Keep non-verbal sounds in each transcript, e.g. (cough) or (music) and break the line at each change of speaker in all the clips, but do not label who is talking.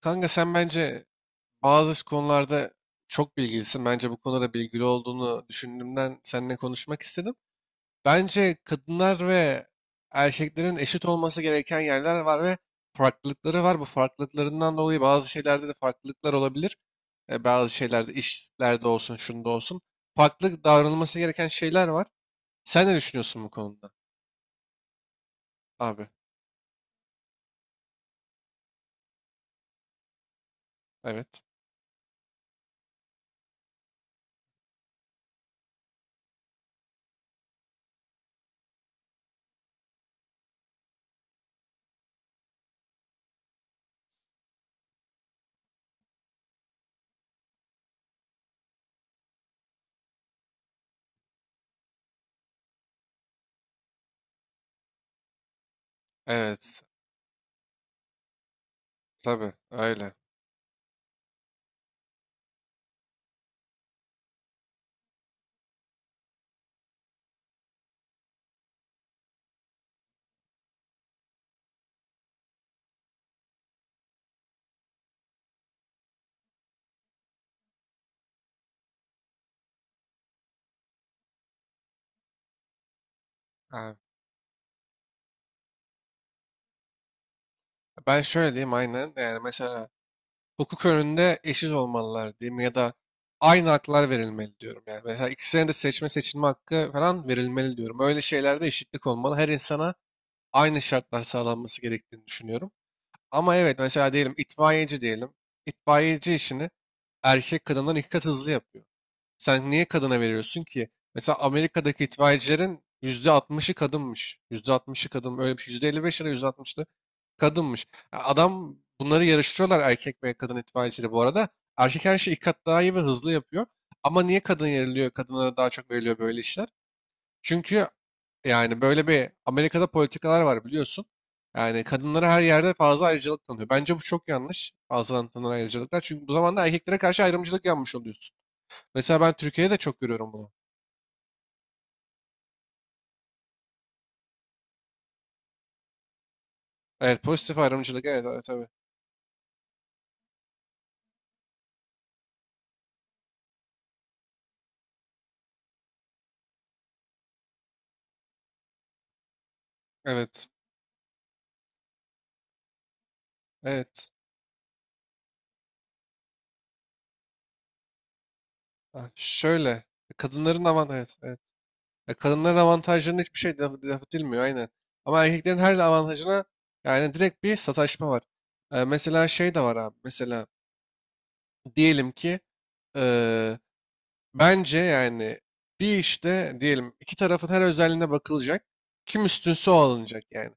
Kanka sen bence bazı konularda çok bilgilisin. Bence bu konuda da bilgili olduğunu düşündüğümden seninle konuşmak istedim. Bence kadınlar ve erkeklerin eşit olması gereken yerler var ve farklılıkları var. Bu farklılıklarından dolayı bazı şeylerde de farklılıklar olabilir. Bazı şeylerde, işlerde olsun, şunda olsun. Farklı davranılması gereken şeyler var. Sen ne düşünüyorsun bu konuda? Abi, evet. Evet, tabii öyle. Abi. Ben şöyle diyeyim aynen. Yani mesela hukuk önünde eşit olmalılar diyeyim ya da aynı haklar verilmeli diyorum. Yani mesela ikisine de seçme seçilme hakkı falan verilmeli diyorum. Öyle şeylerde eşitlik olmalı. Her insana aynı şartlar sağlanması gerektiğini düşünüyorum. Ama evet mesela diyelim itfaiyeci diyelim. İtfaiyeci işini erkek kadından iki kat hızlı yapıyor. Sen niye kadına veriyorsun ki? Mesela Amerika'daki itfaiyecilerin %60'ı kadınmış. %60'ı kadın. Öyle bir şey. %55 ya da %60'lı kadınmış. Ya adam bunları yarıştırıyorlar erkek ve kadın itfaiyecileri bu arada. Erkek her şeyi iki kat daha iyi ve hızlı yapıyor. Ama niye kadın yeriliyor? Kadınlara daha çok veriliyor böyle işler. Çünkü yani böyle bir Amerika'da politikalar var biliyorsun. Yani kadınlara her yerde fazla ayrıcalık tanıyor. Bence bu çok yanlış, fazla tanınan ayrıcalıklar. Çünkü bu zaman da erkeklere karşı ayrımcılık yanmış oluyorsun. Mesela ben Türkiye'de de çok görüyorum bunu. Evet, pozitif ayrımcılık, evet evet tabii. Evet. Evet. Ha, şöyle kadınların avantajı, evet, evet. Ya kadınların avantajlarına hiçbir şey laf edilmiyor aynen. Ama erkeklerin her avantajına yani direkt bir sataşma var. Mesela şey de var abi. Mesela diyelim ki eee, bence yani bir işte diyelim iki tarafın her özelliğine bakılacak. Kim üstünse o alınacak yani.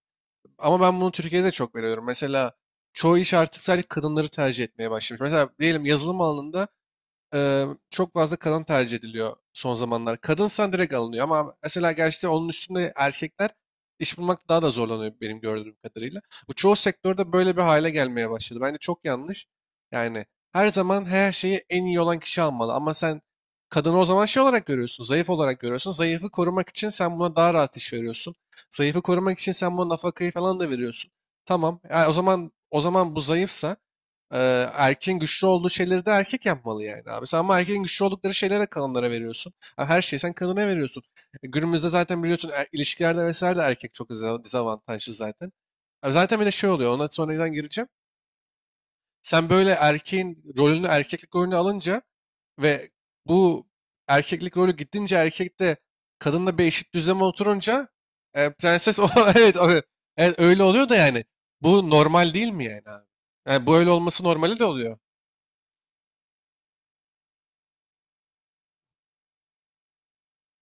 Ama ben bunu Türkiye'de çok veriyorum. Mesela çoğu iş artık sadece kadınları tercih etmeye başlamış. Mesela diyelim yazılım alanında çok fazla kadın tercih ediliyor son zamanlar. Kadınsan direkt alınıyor ama mesela gerçi onun üstünde erkekler iş bulmakta daha da zorlanıyor benim gördüğüm kadarıyla. Bu çoğu sektörde böyle bir hale gelmeye başladı. Bence çok yanlış. Yani her zaman her şeyi en iyi olan kişi almalı ama sen kadını o zaman şey olarak görüyorsun, zayıf olarak görüyorsun. Zayıfı korumak için sen buna daha rahat iş veriyorsun. Zayıfı korumak için sen buna nafakayı falan da veriyorsun. Tamam. Ya o zaman, bu zayıfsa erkeğin güçlü olduğu şeyleri de erkek yapmalı yani abi. Sen ama erkeğin güçlü oldukları şeylere kadınlara veriyorsun. Ha, her şeyi sen kadına veriyorsun. Günümüzde zaten biliyorsun ilişkilerde vesaire de erkek çok dezavantajlı zaten. Abi zaten bir de şey oluyor, ona sonradan gireceğim. Sen böyle erkeğin rolünü, erkeklik rolünü alınca ve bu erkeklik rolü gittince erkekte, kadınla bir eşit düzleme oturunca prenses o (laughs) evet, evet öyle oluyor da yani bu normal değil mi yani abi? Yani bu öyle olması normali de oluyor.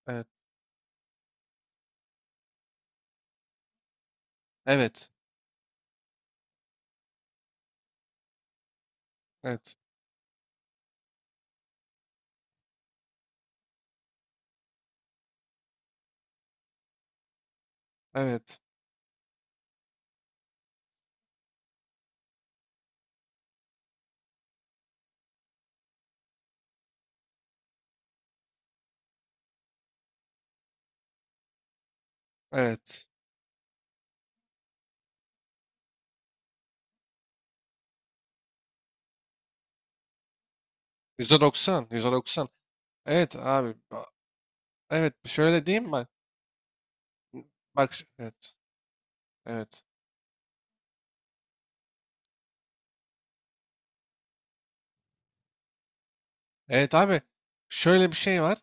Evet. Evet. Evet. Evet. Evet. %90. Doksan. %90. Evet abi. Evet. Şöyle diyeyim bak. Bak. Evet. Evet. Evet abi. Şöyle bir şey var.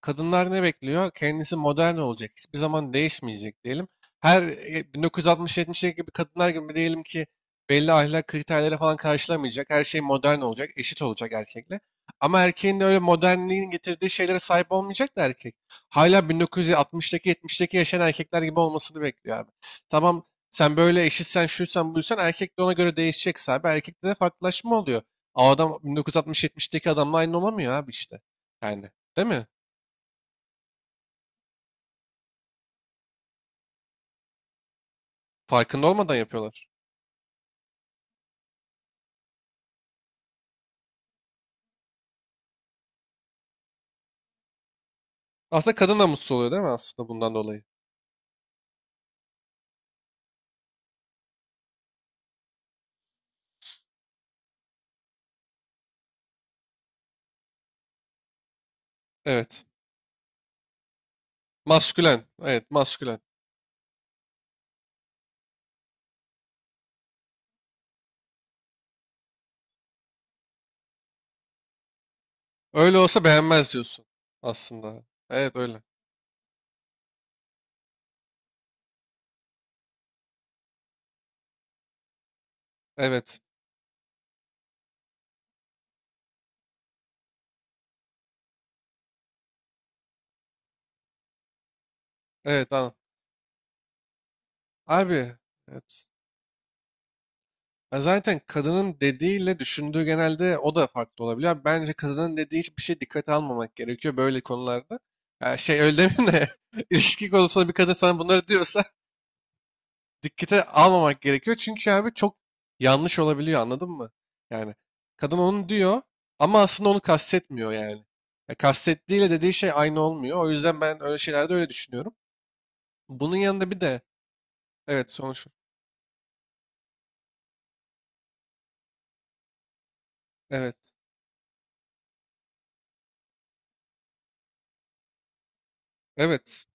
Kadınlar ne bekliyor? Kendisi modern olacak. Hiçbir zaman değişmeyecek diyelim. Her 1960-70'deki gibi kadınlar gibi diyelim ki belli ahlak kriterleri falan karşılamayacak. Her şey modern olacak, eşit olacak erkekle. Ama erkeğin de öyle modernliğin getirdiği şeylere sahip olmayacak da erkek. Hala 1960'daki, 70'deki yaşayan erkekler gibi olmasını bekliyor abi. Tamam sen böyle eşitsen, şuysan buysan, erkek de ona göre değişecekse abi, erkekte de farklılaşma oluyor. O adam 1960-70'deki adamla aynı olamıyor abi işte. Yani değil mi? Farkında olmadan yapıyorlar. Aslında kadın da mutsuz oluyor değil mi aslında bundan dolayı? Evet. Maskülen. Evet, maskülen. Öyle olsa beğenmez diyorsun aslında. Evet öyle. Evet. Evet anladım. Abi evet. Ya zaten kadının dediğiyle düşündüğü genelde o da farklı olabiliyor. Abi, bence kadının dediği hiçbir şey dikkate almamak gerekiyor böyle konularda. Ya şey, öyle demeyeyim de (laughs) ilişki konusunda bir kadın sana bunları diyorsa dikkate almamak gerekiyor. Çünkü abi çok yanlış olabiliyor, anladın mı? Yani kadın onu diyor ama aslında onu kastetmiyor yani. Ya kastettiğiyle dediği şey aynı olmuyor. O yüzden ben öyle şeylerde öyle düşünüyorum. Bunun yanında bir de evet sonuç evet evet.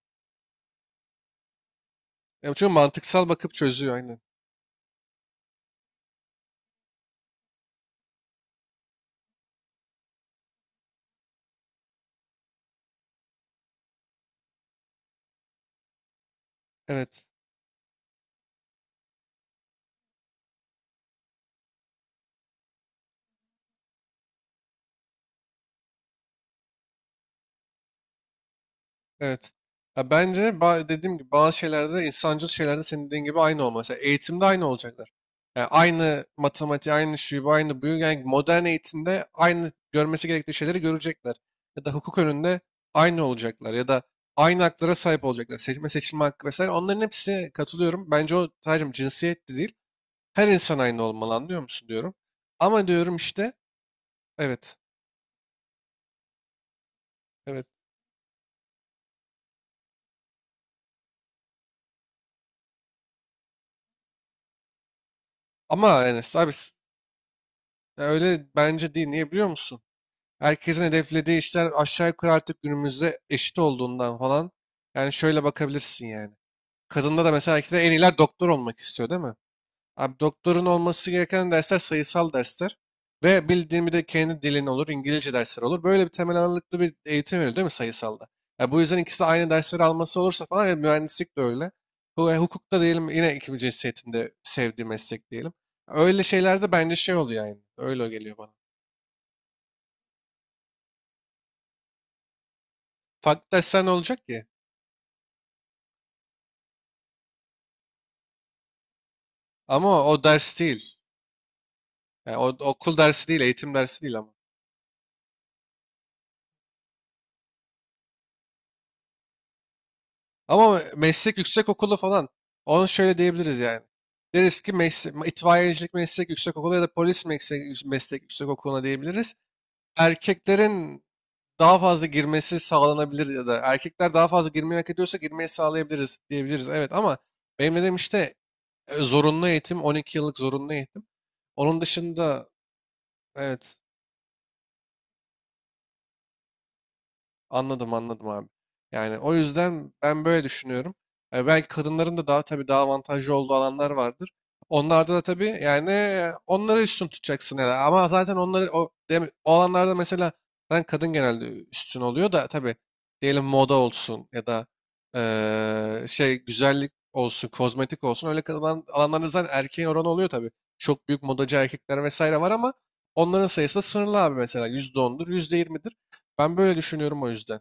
Ya çünkü mantıksal bakıp çözüyor aynen. Evet. Evet. Ya bence dediğim gibi bazı şeylerde, insancıl şeylerde, senin dediğin gibi aynı olması. Mesela eğitimde aynı olacaklar. Yani aynı matematiği, aynı şuyu, bu, aynı buyu. Yani modern eğitimde aynı görmesi gerektiği şeyleri görecekler. Ya da hukuk önünde aynı olacaklar. Ya da aynı haklara sahip olacaklar. Seçme seçilme hakkı vesaire. Onların hepsine katılıyorum. Bence o sadece cinsiyet de değil. Her insan aynı olmalı, anlıyor musun diyorum. Ama diyorum işte evet. Evet. Ama yani abi ya öyle bence değil. Niye biliyor musun? Herkesin hedeflediği işler aşağı yukarı artık günümüzde eşit olduğundan falan. Yani şöyle bakabilirsin yani. Kadında da mesela belki de en iyiler doktor olmak istiyor değil mi? Abi, doktorun olması gereken dersler sayısal dersler. Ve bildiğim bir de kendi dilin olur, İngilizce dersler olur. Böyle bir temel ağırlıklı bir eğitim veriliyor değil mi sayısalda? Ya bu yüzden ikisi de aynı dersleri alması olursa falan, ya mühendislik de öyle. Hukukta diyelim yine ikinci cinsiyetinde sevdiği meslek diyelim. Öyle şeylerde bence şey oluyor yani. Öyle geliyor bana. Farklı dersler ne olacak ki? Ama o ders değil. Yani o okul dersi değil, eğitim dersi değil ama. Ama meslek yüksekokulu falan. Onu şöyle diyebiliriz yani. Deriz ki meslek, itfaiyecilik meslek yüksekokulu ya da polis meslek, yüksekokuluna diyebiliriz. Erkeklerin daha fazla girmesi sağlanabilir ya da erkekler daha fazla girmeyi hak ediyorsa girmeyi sağlayabiliriz diyebiliriz. Evet ama benim dediğim işte zorunlu eğitim, 12 yıllık zorunlu eğitim. Onun dışında evet. Anladım abi. Yani o yüzden ben böyle düşünüyorum. Yani belki kadınların da daha tabii daha avantajlı olduğu alanlar vardır. Onlarda da tabii yani onları üstün tutacaksın ya. Ama zaten onları o alanlarda mesela ben kadın genelde üstün oluyor da tabii, diyelim moda olsun ya da şey güzellik olsun, kozmetik olsun öyle kalan alanlarda zaten erkeğin oranı oluyor tabii. Çok büyük modacı erkekler vesaire var ama onların sayısı da sınırlı abi, mesela %10'dur, yüzde yirmidir. Ben böyle düşünüyorum o yüzden.